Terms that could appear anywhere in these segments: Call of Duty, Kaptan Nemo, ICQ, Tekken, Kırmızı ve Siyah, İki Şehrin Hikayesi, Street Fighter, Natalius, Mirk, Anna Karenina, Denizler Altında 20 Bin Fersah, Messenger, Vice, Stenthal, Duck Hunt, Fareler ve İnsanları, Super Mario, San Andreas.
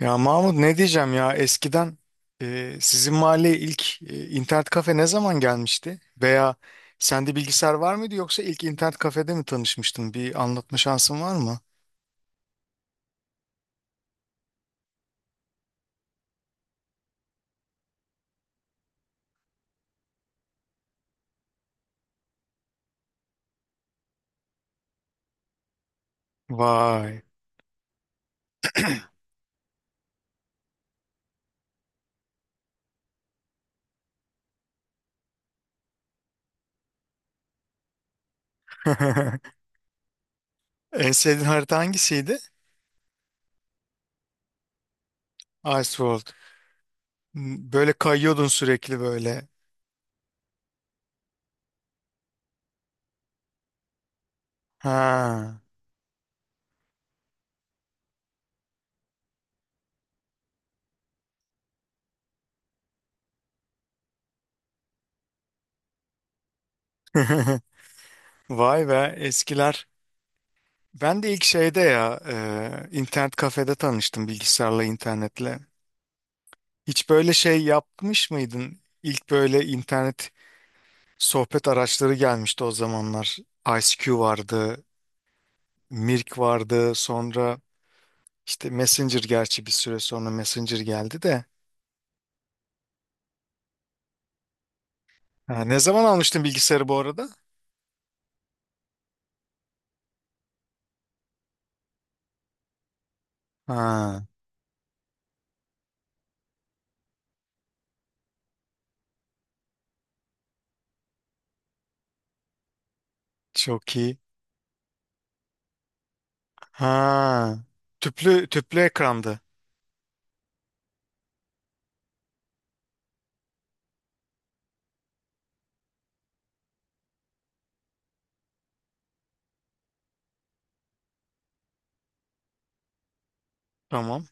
Ya Mahmut ne diyeceğim ya eskiden sizin mahalleye ilk internet kafe ne zaman gelmişti? Veya sende bilgisayar var mıydı yoksa ilk internet kafede mi tanışmıştın? Bir anlatma şansın var mı? Vay. En sevdiğin harita hangisiydi? Iceworld. Böyle kayıyordun sürekli böyle. Ha. Vay be eskiler. Ben de ilk şeyde ya, internet kafede tanıştım bilgisayarla internetle. Hiç böyle şey yapmış mıydın? İlk böyle internet sohbet araçları gelmişti o zamanlar. ICQ vardı, Mirk vardı, sonra işte Messenger, gerçi bir süre sonra Messenger geldi de. Ha, ne zaman almıştın bilgisayarı bu arada? Ha, çok iyi. Ha, tüplü tüplü ekrandı. Tamam.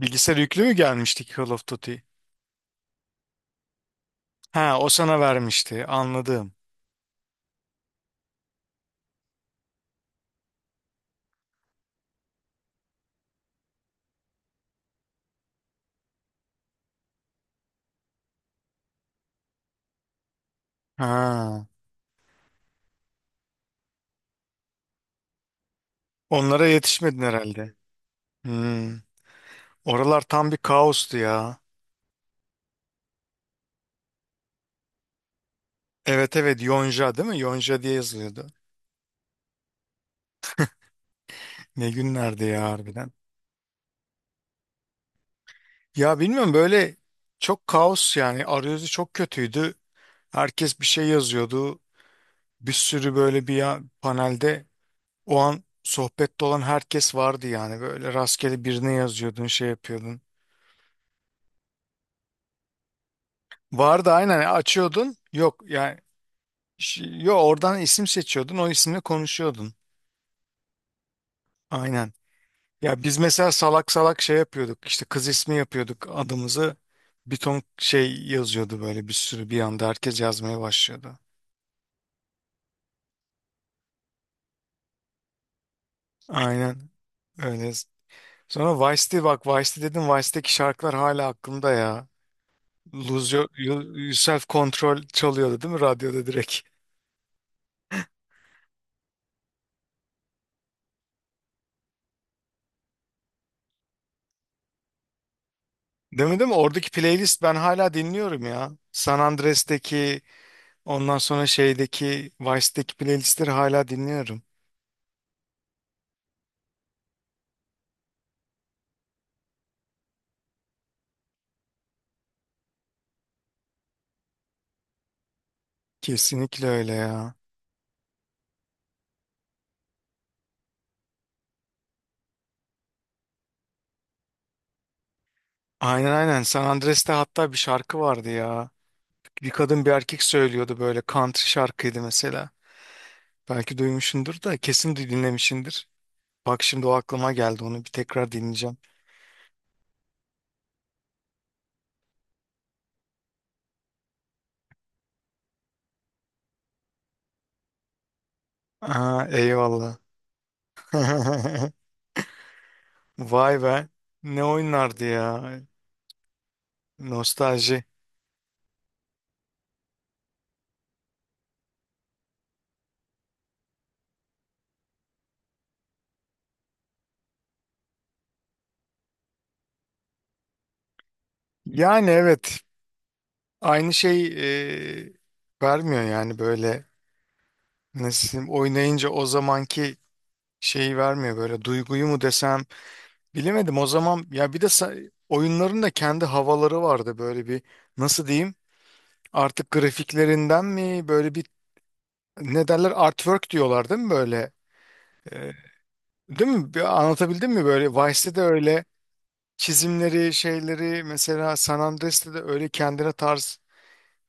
Bilgisayar yüklü mü gelmişti ki Call of Duty? Ha, o sana vermişti. Anladım. Ha, onlara yetişmedin herhalde. Hmm. Oralar tam bir kaostu ya. Evet evet, Yonca değil mi? Yonca diye yazılıyordu. Ne günlerdi ya harbiden. Ya bilmiyorum, böyle çok kaos yani, arayüzü çok kötüydü. Herkes bir şey yazıyordu. Bir sürü böyle bir panelde o an sohbette olan herkes vardı, yani böyle rastgele birine yazıyordun, şey yapıyordun. Vardı, aynen açıyordun, yok yani yok, oradan isim seçiyordun, o isimle konuşuyordun. Aynen. Ya biz mesela salak salak şey yapıyorduk. İşte kız ismi yapıyorduk adımızı. Bir ton şey yazıyordu böyle, bir sürü, bir anda herkes yazmaya başlıyordu. Aynen öyle. Sonra Vice'di bak, Vice'di dedim. Vice'deki şarkılar hala aklımda ya. Lose Your, Self Control çalıyordu değil mi radyoda direkt? Değil mi değil mi? Oradaki playlist ben hala dinliyorum ya. San Andreas'teki, ondan sonra şeydeki, Vice'deki playlistleri hala dinliyorum. Kesinlikle öyle ya. Aynen aynen. San Andreas'te hatta bir şarkı vardı ya. Bir kadın bir erkek söylüyordu, böyle country şarkıydı mesela. Belki duymuşsundur, da kesin de dinlemişsindir. Bak şimdi o aklıma geldi, onu bir tekrar dinleyeceğim. Aa, eyvallah. Vay be. Ne oynardı ya. Nostalji. Yani evet. Aynı şey e, vermiyor yani böyle. Nasıl diyeyim, oynayınca o zamanki şeyi vermiyor böyle. Duyguyu mu desem. Bilemedim. O zaman ya bir de oyunların da kendi havaları vardı, böyle bir, nasıl diyeyim, artık grafiklerinden mi böyle bir, ne derler, artwork diyorlar değil mi böyle. Ee, değil mi? Bir anlatabildim mi böyle? Vice'de de öyle çizimleri şeyleri, mesela San Andreas'te de öyle kendine tarz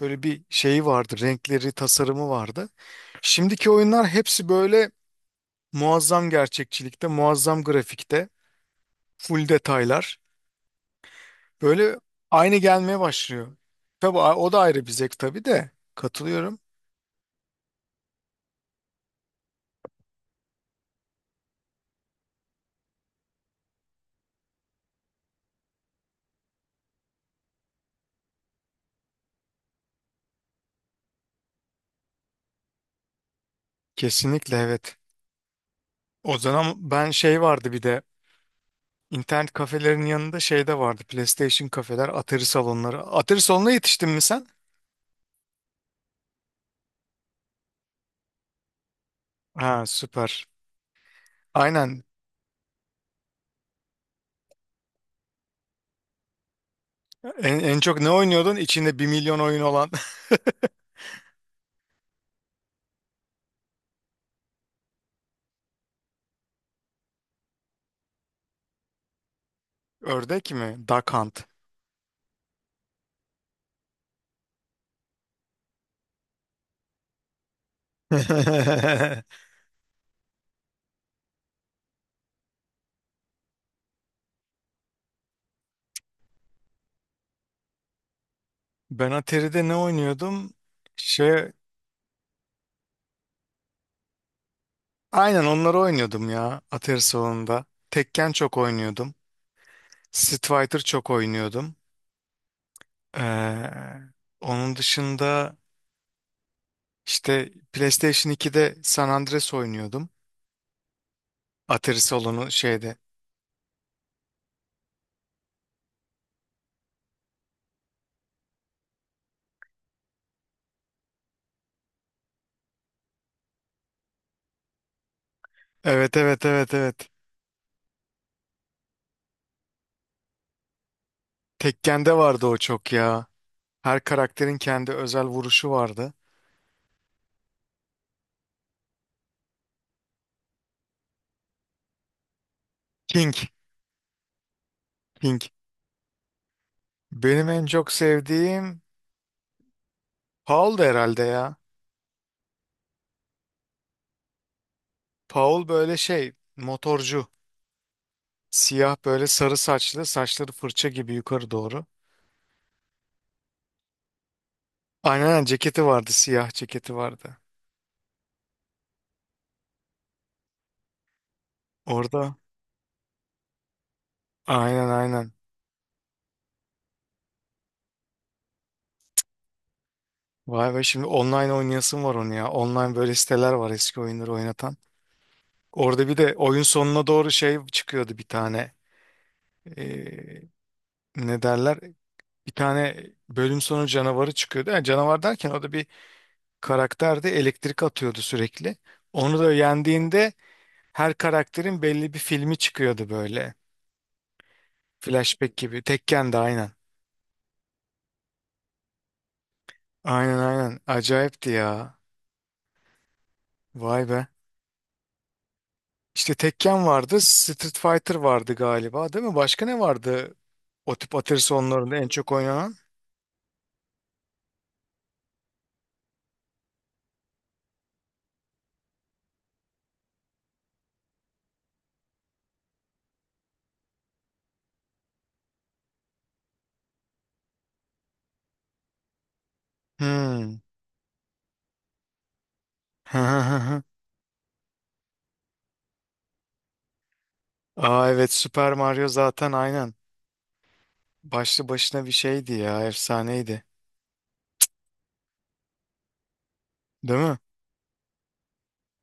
böyle bir şeyi vardı, renkleri, tasarımı vardı. Şimdiki oyunlar hepsi böyle muazzam gerçekçilikte, muazzam grafikte, full detaylar. Böyle aynı gelmeye başlıyor. Tabii o da ayrı bir zevk tabii de. Katılıyorum. Kesinlikle evet. O zaman ben, şey vardı bir de, internet kafelerin yanında şey de vardı. PlayStation kafeler, Atari salonları. Atari salonuna yetiştin mi sen? Ha süper. Aynen. En çok ne oynuyordun? İçinde bir milyon oyun olan. Ördek mi? Duck Hunt. Ben Atari'de ne oynuyordum? Şey, aynen onları oynuyordum ya Atari salonunda. Tekken çok oynuyordum. Street Fighter çok oynuyordum. Ee, onun dışında işte PlayStation 2'de San Andreas oynuyordum. Atari salonu şeyde. Evet evet evet evet. Tekken'de vardı o çok ya. Her karakterin kendi özel vuruşu vardı. King, King. Benim en çok sevdiğim Paul da herhalde ya. Paul böyle şey, motorcu. Siyah böyle, sarı saçlı, saçları fırça gibi yukarı doğru. Aynen aynen, ceketi vardı, siyah ceketi vardı. Orada, aynen aynen. Vay be şimdi online oynayasım var onu ya. Online böyle siteler var eski oyunları oynatan. Orada bir de oyun sonuna doğru şey çıkıyordu, bir tane. Ee, ne derler? Bir tane bölüm sonu canavarı çıkıyordu. Yani canavar derken o da bir karakterdi. Elektrik atıyordu sürekli. Onu da yendiğinde her karakterin belli bir filmi çıkıyordu böyle. Flashback gibi. Tekken de aynen. Aynen aynen. Acayipti ya. Vay be. İşte Tekken vardı, Street Fighter vardı galiba, değil mi? Başka ne vardı? O tip atari en çok oynanan. Hmm. Aa evet, Super Mario zaten, aynen. Başlı başına bir şeydi ya, efsaneydi. Değil mi?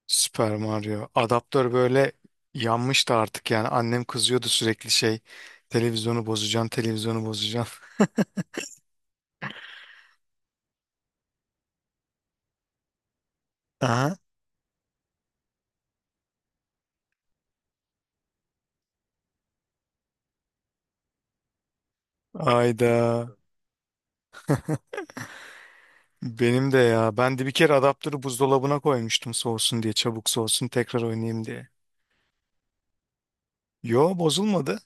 Super Mario. Adaptör böyle yanmıştı artık yani. Annem kızıyordu sürekli, şey, televizyonu bozacaksın, televizyonu bozacaksın. Aha. Ayda. Benim de ya. Ben de bir kere adaptörü buzdolabına koymuştum soğusun diye, çabuk soğusun tekrar oynayayım diye. Yo bozulmadı.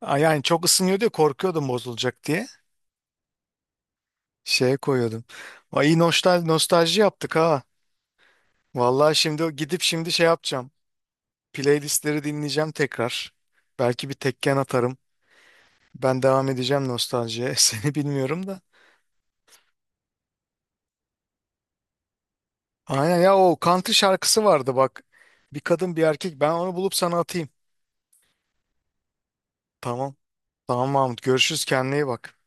Aa, yani çok ısınıyor diye korkuyordum, bozulacak diye. Şeye koyuyordum. Ay iyi, nostalji, nostalji yaptık ha. Vallahi şimdi gidip şimdi şey yapacağım. Playlistleri dinleyeceğim tekrar. Belki bir tekken atarım. Ben devam edeceğim nostaljiye. Seni bilmiyorum da. Aynen ya, o country şarkısı vardı bak. Bir kadın bir erkek. Ben onu bulup sana atayım. Tamam. Tamam Mahmut. Görüşürüz. Kendine iyi bak.